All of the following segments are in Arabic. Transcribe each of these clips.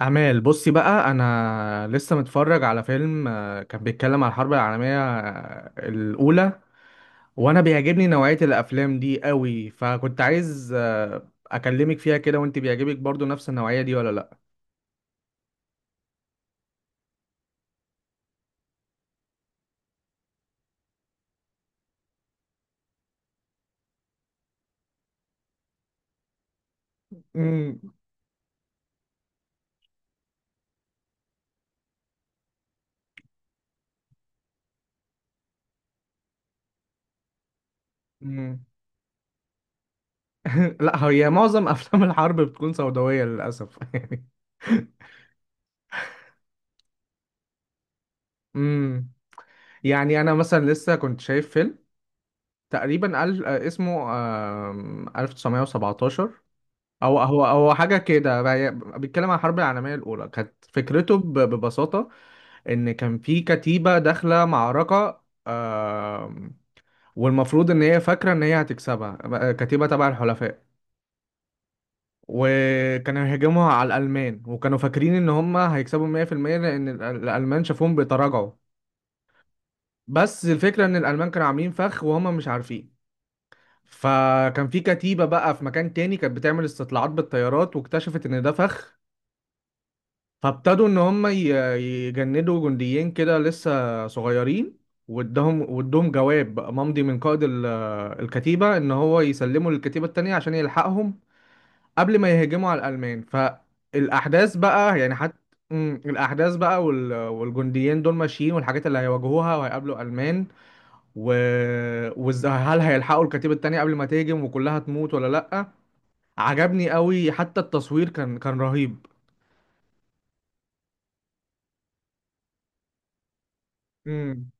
أعمال بصي بقى أنا لسه متفرج على فيلم كان بيتكلم على الحرب العالمية الأولى، وأنا بيعجبني نوعية الأفلام دي قوي، فكنت عايز أكلمك فيها كده. وأنت بيعجبك برضو نفس النوعية دي ولا لأ؟ مم. مم. لأ، هي معظم أفلام الحرب بتكون سوداوية للأسف، يعني. مم. يعني أنا مثلا لسه كنت شايف فيلم تقريبا ألف اسمه 1917. هو حاجة كده بيتكلم عن الحرب العالمية الأولى. كانت فكرته ببساطة إن كان في كتيبة داخلة معركة، والمفروض إن هي فاكرة إن هي هتكسبها، كتيبة تبع الحلفاء. وكانوا هيهاجموا على الألمان وكانوا فاكرين إن هم هيكسبوا 100%، لأن الألمان شافوهم بيتراجعوا. بس الفكرة إن الألمان كانوا عاملين فخ وهم مش عارفين. فكان في كتيبة بقى في مكان تاني كانت بتعمل استطلاعات بالطيارات، واكتشفت إن ده فخ. فابتدوا ان هم يجندوا جنديين كده لسه صغيرين، وادهم جواب بقى ممضي من قائد الكتيبة ان هو يسلموا للكتيبة التانية عشان يلحقهم قبل ما يهجموا على الألمان. فالأحداث بقى يعني حتى، مم، الأحداث بقى والجنديين دول ماشيين، والحاجات اللي هيواجهوها وهيقابلوا ألمان و... وهل هيلحقوا الكتيبة التانية قبل ما تهجم وكلها تموت ولا لأ. عجبني قوي، حتى التصوير كان رهيب.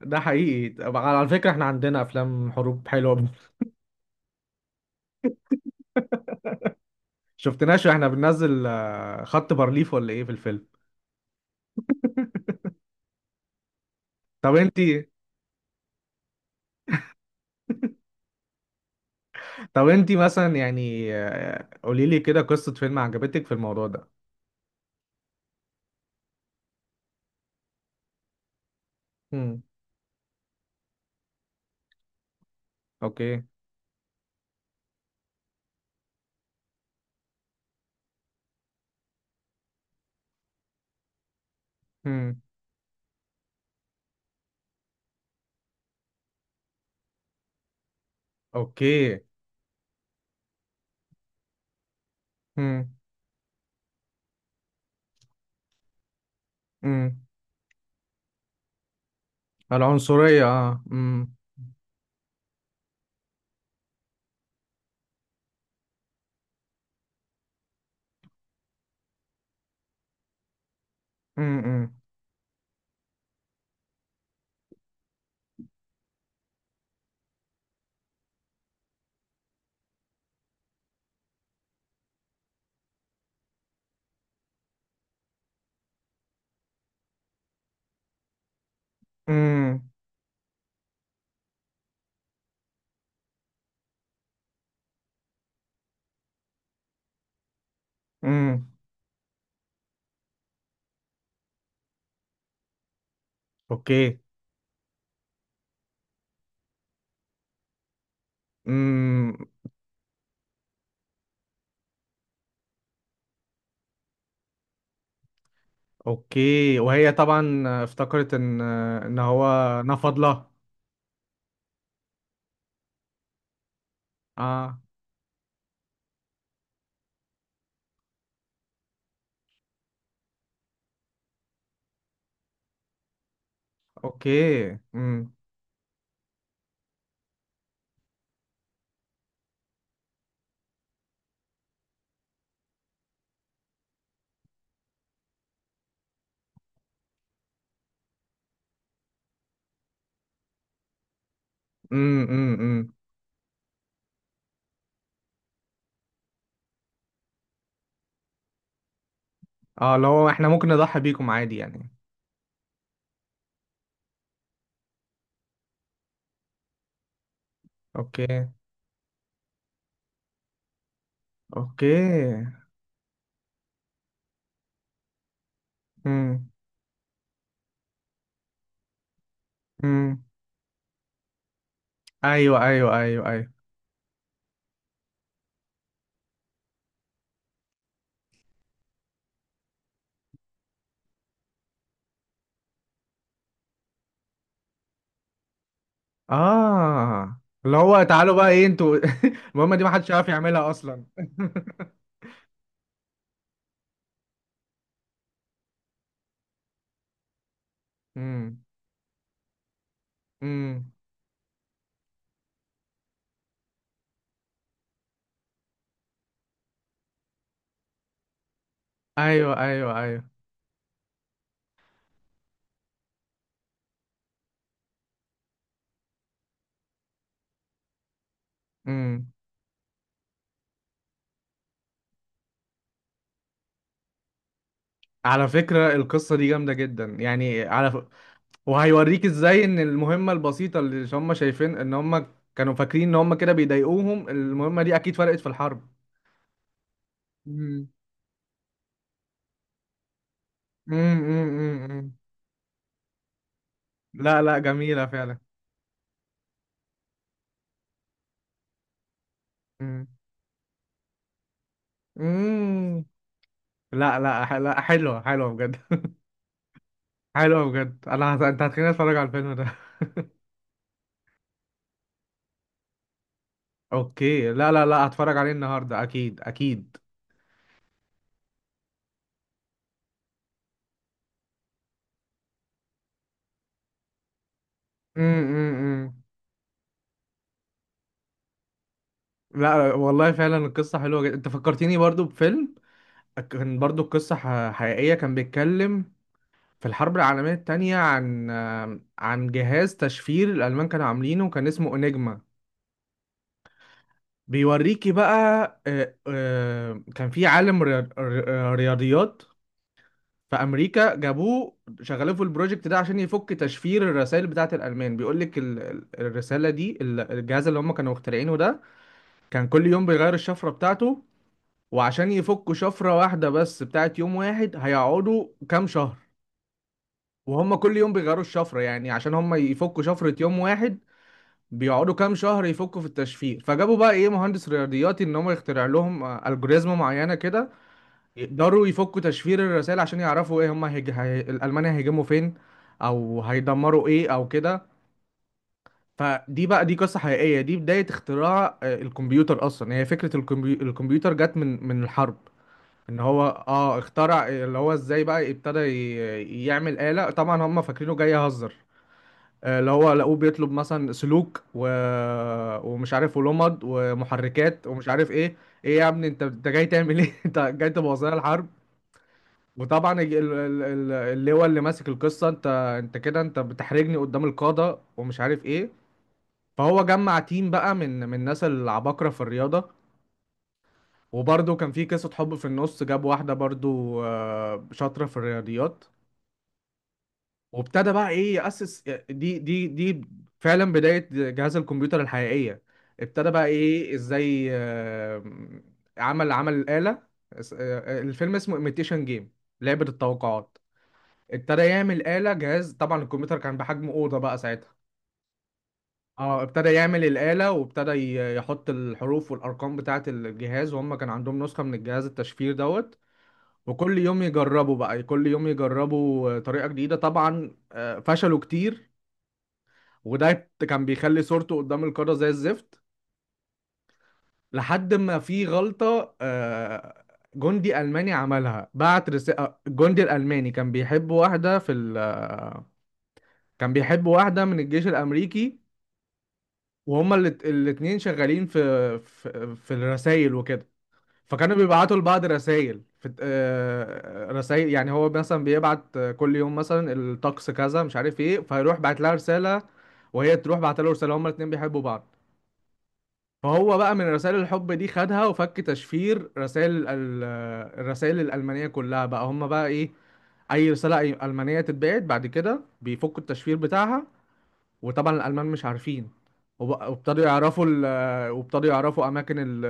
ده حقيقي. طب على فكرة احنا عندنا افلام حروب حلوة. شفتناش واحنا بننزل خط بارليف، ولا ايه في الفيلم؟ طب انتي، طب انتي مثلا يعني قولي لي كده قصة فيلم عجبتك في الموضوع ده. امم. اوكي. امم. اوكي. امم. امم. العنصرية، اه. امم. امم. امم. امم. اوكي. امم. اوكي، وهي طبعا افتكرت ان ان هو نفض لها. اه. اوكي. امم. امم. امم. اه، لو احنا ممكن نضحي بيكم عادي يعني. اوكي. اوكي. امم. امم. ايوه، ايوه، ايوه، ايوه. اه، اللي هو تعالوا بقى ايه انتوا. المهمة دي ما حدش عارف يعملها اصلا. امم. امم. ايوه، ايوه، ايوه. امم. على فكرة القصة دي جامدة جدا يعني على ف... وهيوريك ازاي ان المهمة البسيطة اللي هم شايفين ان هم، كانوا فاكرين ان هم كده بيضايقوهم، المهمة دي اكيد فرقت في الحرب. مم. مم. مم. مم. لا لا، جميلة فعلا. مم. مم. لا لا، لا، حلوة، حلوة بجد. حلوة بجد، انت هتخليني اتفرج على الفيلم ده. اوكي، لا لا لا، هتفرج عليه النهاردة اكيد اكيد. مم. مم. مم. لا والله، فعلا القصة حلوة جدا. انت فكرتيني برضو بفيلم كان برضو القصة حقيقية، كان بيتكلم في الحرب العالمية التانية عن، عن جهاز تشفير الألمان كانوا عاملينه، كان اسمه انيجما. بيوريكي بقى كان في عالم رياضيات في امريكا. جابوه شغلوه في البروجكت ده عشان يفك تشفير الرسائل بتاعه الالمان. بيقول لك الرساله دي، الجهاز اللي هم كانوا مخترعينه ده كان كل يوم بيغير الشفره بتاعته. وعشان يفكوا شفره واحده بس بتاعه يوم واحد هيقعدوا كام شهر، وهم كل يوم بيغيروا الشفره. يعني عشان هم يفكوا شفره يوم واحد بيقعدوا كام شهر يفكوا في التشفير. فجابوا بقى ايه مهندس رياضياتي ان هم يخترع لهم الجوريزم معينه كده يقدروا يفكوا تشفير الرسائل عشان يعرفوا ايه هم الالمان هيهاجموا فين او هيدمروا ايه او كده. فدي بقى، دي قصه حقيقيه، دي بدايه اختراع الكمبيوتر اصلا. يعني هي فكره الكمبيوتر جت من الحرب. ان هو اه اخترع، اللي هو ازاي بقى ابتدى ي... يعمل آلة. طبعا هم فاكرينه جاي يهزر، اللي هو لقوه بيطلب مثلا سلوك و... ومش عارف ولمض ومحركات ومش عارف ايه. ايه يا ابني، انت جاي تعمل ايه؟ انت جاي تبوظ لنا الحرب. وطبعا اللي هو اللي ماسك القصه، انت كده، انت بتحرجني قدام القاده ومش عارف ايه. فهو جمع تيم بقى من الناس العباقره في الرياضه. وبرضه كان في قصه حب في النص، جاب واحده برضه شاطره في الرياضيات. وابتدى بقى ايه يأسس دي فعلا بداية جهاز الكمبيوتر الحقيقية. ابتدى بقى ايه ازاي عمل الآلة. الفيلم اسمه ايميتيشن جيم، لعبة التوقعات. ابتدى يعمل آلة جهاز، طبعا الكمبيوتر كان بحجم أوضة بقى ساعتها. اه ابتدى يعمل الآلة، وابتدى يحط الحروف والأرقام بتاعة الجهاز، وهم كان عندهم نسخة من الجهاز التشفير دوت. وكل يوم يجربوا بقى، كل يوم يجربوا طريقة جديدة. طبعا فشلوا كتير، وده كان بيخلي صورته قدام القارة زي الزفت. لحد ما في غلطة جندي ألماني عملها، بعت رسالة. الجندي الألماني كان بيحب واحدة في ال آه، كان بيحب واحدة من الجيش الأمريكي. وهما الاتنين شغالين في في الرسايل وكده. فكانوا بيبعتوا لبعض رسايل في، رسائل. يعني هو مثلا بيبعت كل يوم مثلا الطقس كذا مش عارف ايه، فيروح بعت لها رسالة، وهي تروح بعت له رسالة، هما الاتنين بيحبوا بعض. فهو بقى من رسائل الحب دي خدها وفك تشفير رسائل الرسائل الألمانية كلها. بقى هم بقى ايه، أي رسالة ألمانية تتبعت بعد كده بيفكوا التشفير بتاعها، وطبعا الألمان مش عارفين. وابتدوا يعرفوا أماكن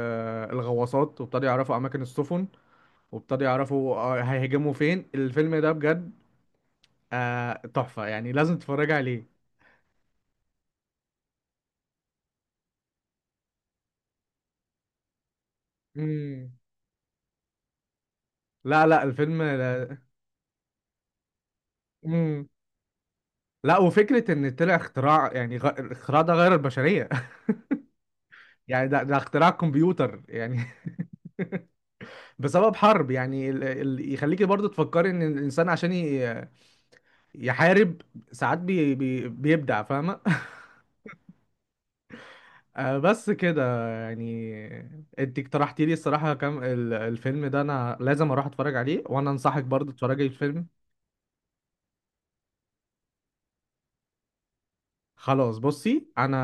الغواصات، وابتدوا يعرفوا أماكن السفن، وابتدوا يعرفوا هيهاجموا فين. الفيلم ده بجد تحفة، يعني لازم تتفرج عليه. مم. لا لا، الفيلم ده. مم. لا، وفكرة إن طلع اختراع يعني الاختراع ده غير البشرية. يعني ده اختراع كمبيوتر يعني. بسبب حرب. يعني يخليكي برضو تفكري إن الإنسان عشان يحارب ساعات بيبدع، فاهمة؟ بس كده يعني. أنت اقترحتي لي الصراحة كم الفيلم ده أنا لازم أروح أتفرج عليه، وأنا أنصحك برضو تتفرجي على الفيلم. خلاص، بصي أنا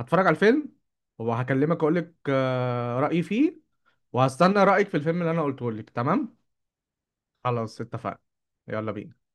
هتفرج على الفيلم، وهكلمك أقولك رأيي فيه، وهستنى رأيك في الفيلم اللي انا قلته لك. تمام. خلاص اتفقنا. يلا بينا.